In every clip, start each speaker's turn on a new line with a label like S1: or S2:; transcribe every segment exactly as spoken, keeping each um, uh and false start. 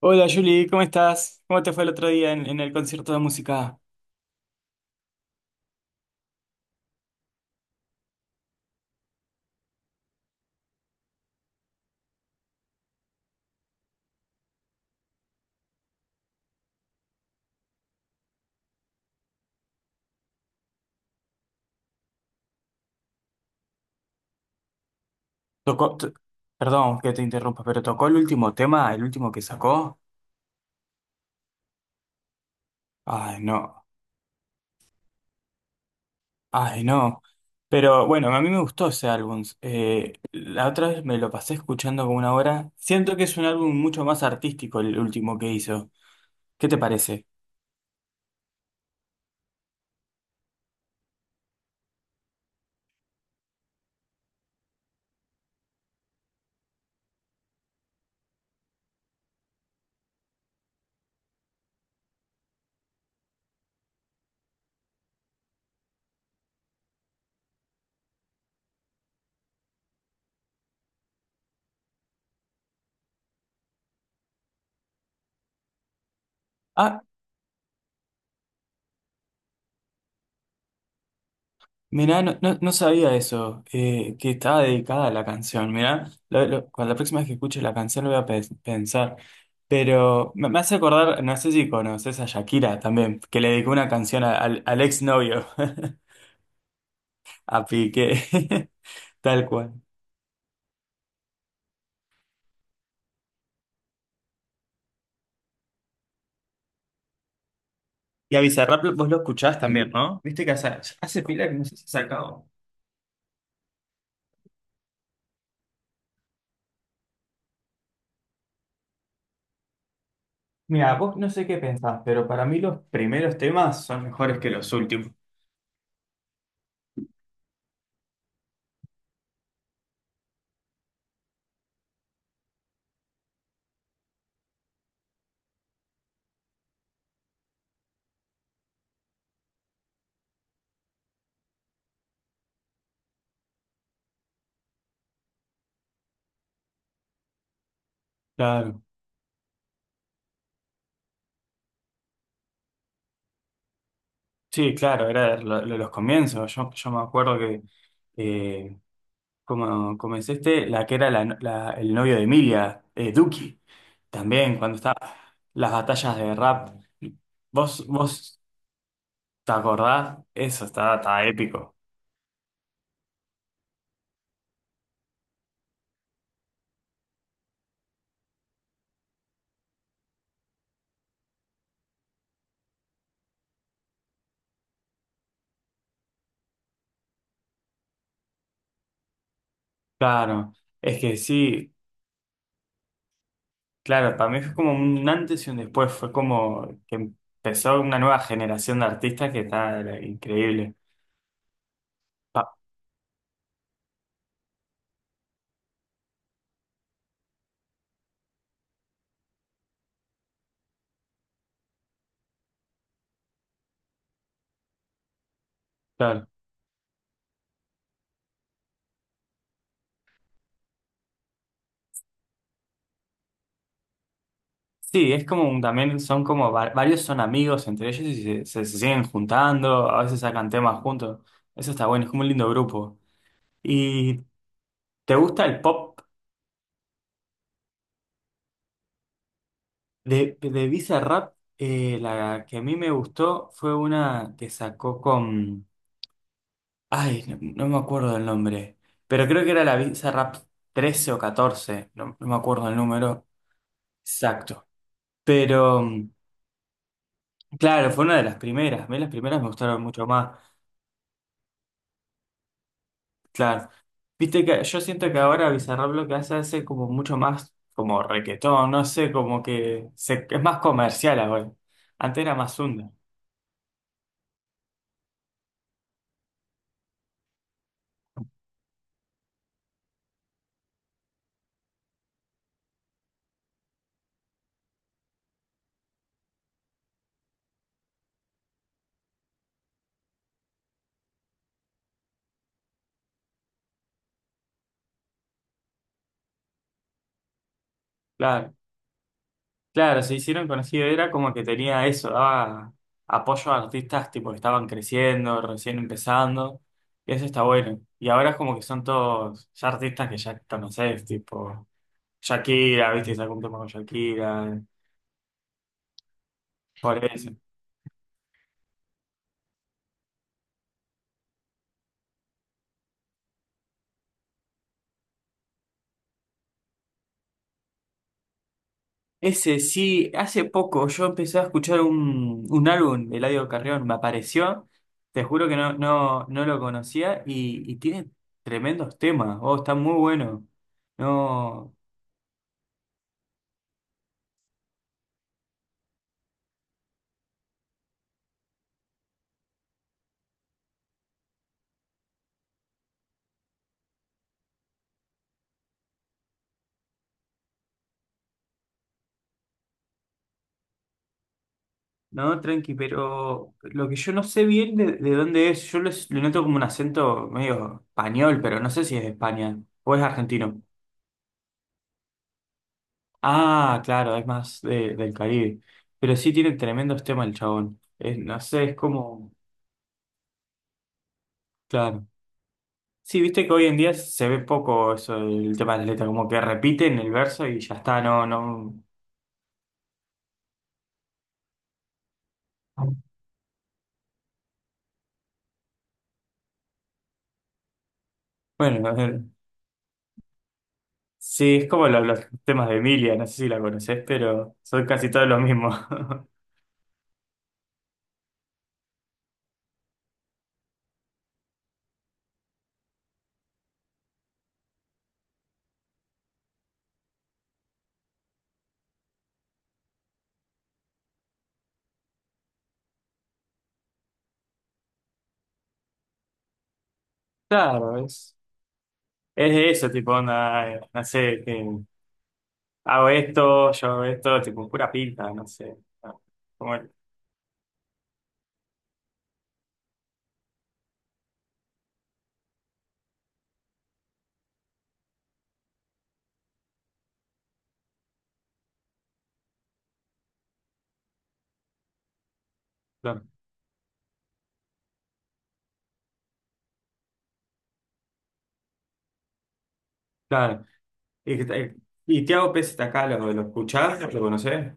S1: Hola Julie, ¿cómo estás? ¿Cómo te fue el otro día en, en el concierto de música? Tocó, t- Perdón que te interrumpa, pero tocó el último tema, el último que sacó. Ay, no, ay, no. Pero bueno, a mí me gustó ese álbum. Eh, la otra vez me lo pasé escuchando como una hora. Siento que es un álbum mucho más artístico el último que hizo. ¿Qué te parece? Ah, mirá, no, no, no sabía eso, eh, que estaba dedicada a la canción. Mirá, lo- lo- cuando la próxima vez que escuche la canción lo voy a pe- pensar. Pero me, me hace acordar, no sé si conoces a Shakira también, que le dedicó una canción a- al, al exnovio, a Piqué, tal cual. Y a Bizarrap vos lo escuchás también, ¿no? Viste que hace, hace pila que no sé si ha sacado. Mira, vos no sé qué pensás, pero para mí los primeros temas son mejores que los últimos. Claro. Sí, claro, era lo- lo- los comienzos. Yo, yo me acuerdo que eh, como comencé este, la que era la no- la- el novio de Emilia, eh, Duki, también cuando estaba las batallas de rap. ¿Vos, vos te acordás? Eso estaba, estaba épico. Claro, es que sí, claro, para mí fue como un antes y un después. Fue como que empezó una nueva generación de artistas que está era increíble. Pa- claro. Sí, es como un- también son como va- varios son amigos entre ellos y se, se- se siguen juntando, a veces sacan temas juntos. Eso está bueno, es como un lindo grupo. ¿Y te gusta el pop? De, de Bizarrap, eh, la que a mí me gustó fue una que sacó con... Ay, no, no me acuerdo del nombre, pero creo que era la Bizarrap trece o catorce no, no me acuerdo el número exacto. Pero, mm, claro, fue una de las primeras, a mí las primeras me gustaron mucho más. Claro. Viste que yo siento que ahora Bizarrap lo que hace hace como mucho más como requetón, no sé, como que se- es más comercial ahora. Antes era más onda. Claro, claro, se hicieron conocido, era como que tenía eso, daba apoyo a artistas tipo que estaban creciendo, recién empezando, y eso está bueno. Y ahora es como que son todos ya artistas que ya conoces, tipo Shakira, viste, sacó un tema con Shakira, por eso. Ese sí, hace poco yo empecé a escuchar un, un álbum de Eladio Carrión, me apareció, te juro que no, no, no lo conocía y, y tiene tremendos temas, oh, está muy bueno. No, no, tranqui, pero lo que yo no sé bien de, de dónde es, yo lo, lo noto como un acento medio español, pero no sé si es de España o es argentino. Ah, claro, es más de- del Caribe, pero sí tiene tremendos temas el chabón. Es- no sé, es como, claro. Sí, viste que hoy en día se ve poco eso, el tema de las letras, como que repiten el verso y ya está, no, no. Bueno, a ver, sí, es como lo- los, temas de Emilia, no sé si la conoces, pero son casi todos los mismos. Claro, es, es de eso, tipo, onda, eh, no sé, que hago esto, yo hago esto, tipo, pura pinta, no sé. No, como, el- claro, claro. Y, que te- y Tiago Pez está acá, ¿lo, ¿lo escuchás? ¿Lo conocés?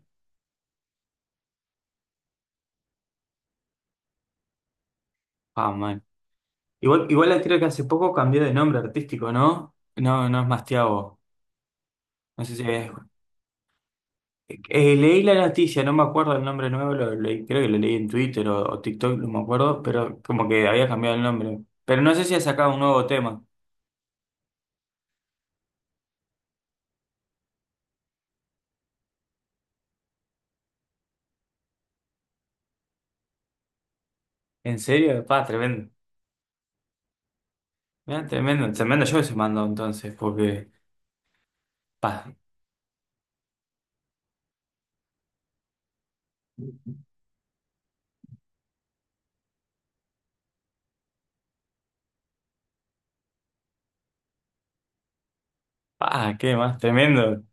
S1: Ah, igual, igual creo que hace poco cambió de nombre artístico, ¿no? No, no es más Tiago. No sé si es... eh, leí la noticia, no me acuerdo el nombre nuevo, lo leí- creo que lo leí en Twitter o, o TikTok, no me acuerdo, pero como que había cambiado el nombre. Pero no sé si ha sacado un nuevo tema. ¿En serio? Pa, tremendo. Mirá, tremendo, tremendo yo se mandó entonces, porque... Pa, pa, qué más, tremendo.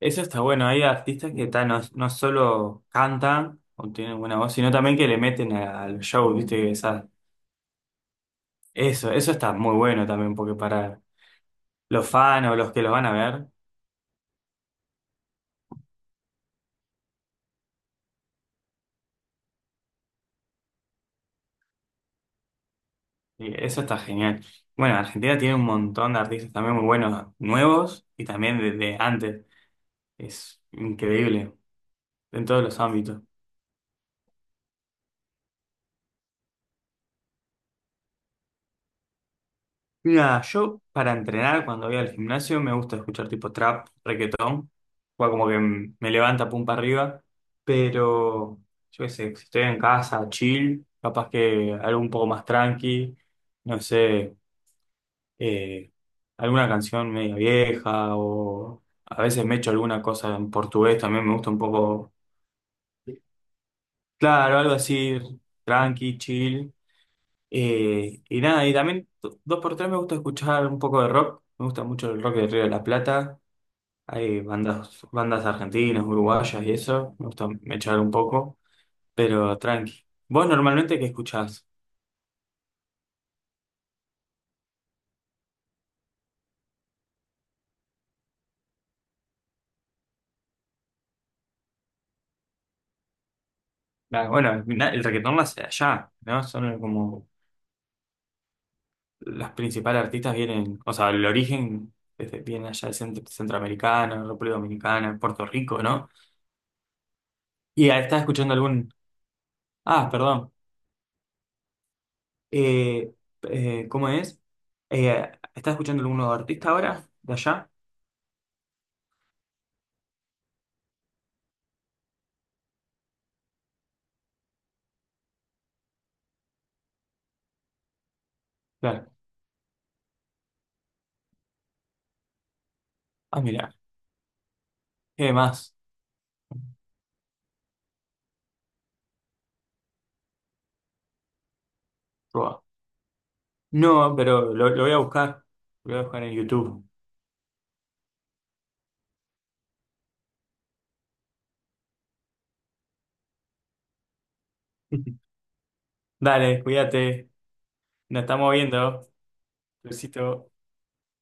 S1: Eso está bueno, hay artistas que ta, no, no solo cantan o tienen buena voz, sino también que le meten a- al show, ¿viste? Esas eso, eso está muy bueno también, porque para los fans o los que los van a ver, y eso está genial. Bueno, Argentina tiene un montón de artistas también muy buenos, nuevos y también de, de antes. Es increíble en todos los ámbitos. Mira, yo para entrenar cuando voy al gimnasio me gusta escuchar tipo trap, reggaetón, o como que m- me levanta pum para arriba, pero yo qué sé, si estoy en casa, chill, capaz que algo un poco más tranqui, no sé. eh, Alguna canción media vieja o a veces me echo alguna cosa en portugués, también me gusta un poco, claro, algo así, tranqui, chill. Eh, y nada, y también do- dos por tres me gusta escuchar un poco de rock, me gusta mucho el rock de Río de la Plata, hay bandas, bandas argentinas, uruguayas y eso, me gusta echar un poco, pero tranqui. ¿Vos normalmente qué escuchás? Ah, bueno, na- el reggaetón nace allá, ¿no? Son como las principales artistas vienen, o sea, el origen desde, viene allá de Centro- Centroamericana, República Dominicana, Puerto Rico, ¿no? Y ah, estás escuchando algún, ah, perdón, eh, eh, ¿cómo es? Eh, ¿estás escuchando algún nuevo artista ahora, de allá? Claro. Ah, mira, ¿qué más? Buah. No, pero lo, lo voy a buscar, lo voy a buscar en YouTube. Dale, cuídate, nos estamos viendo. Besito.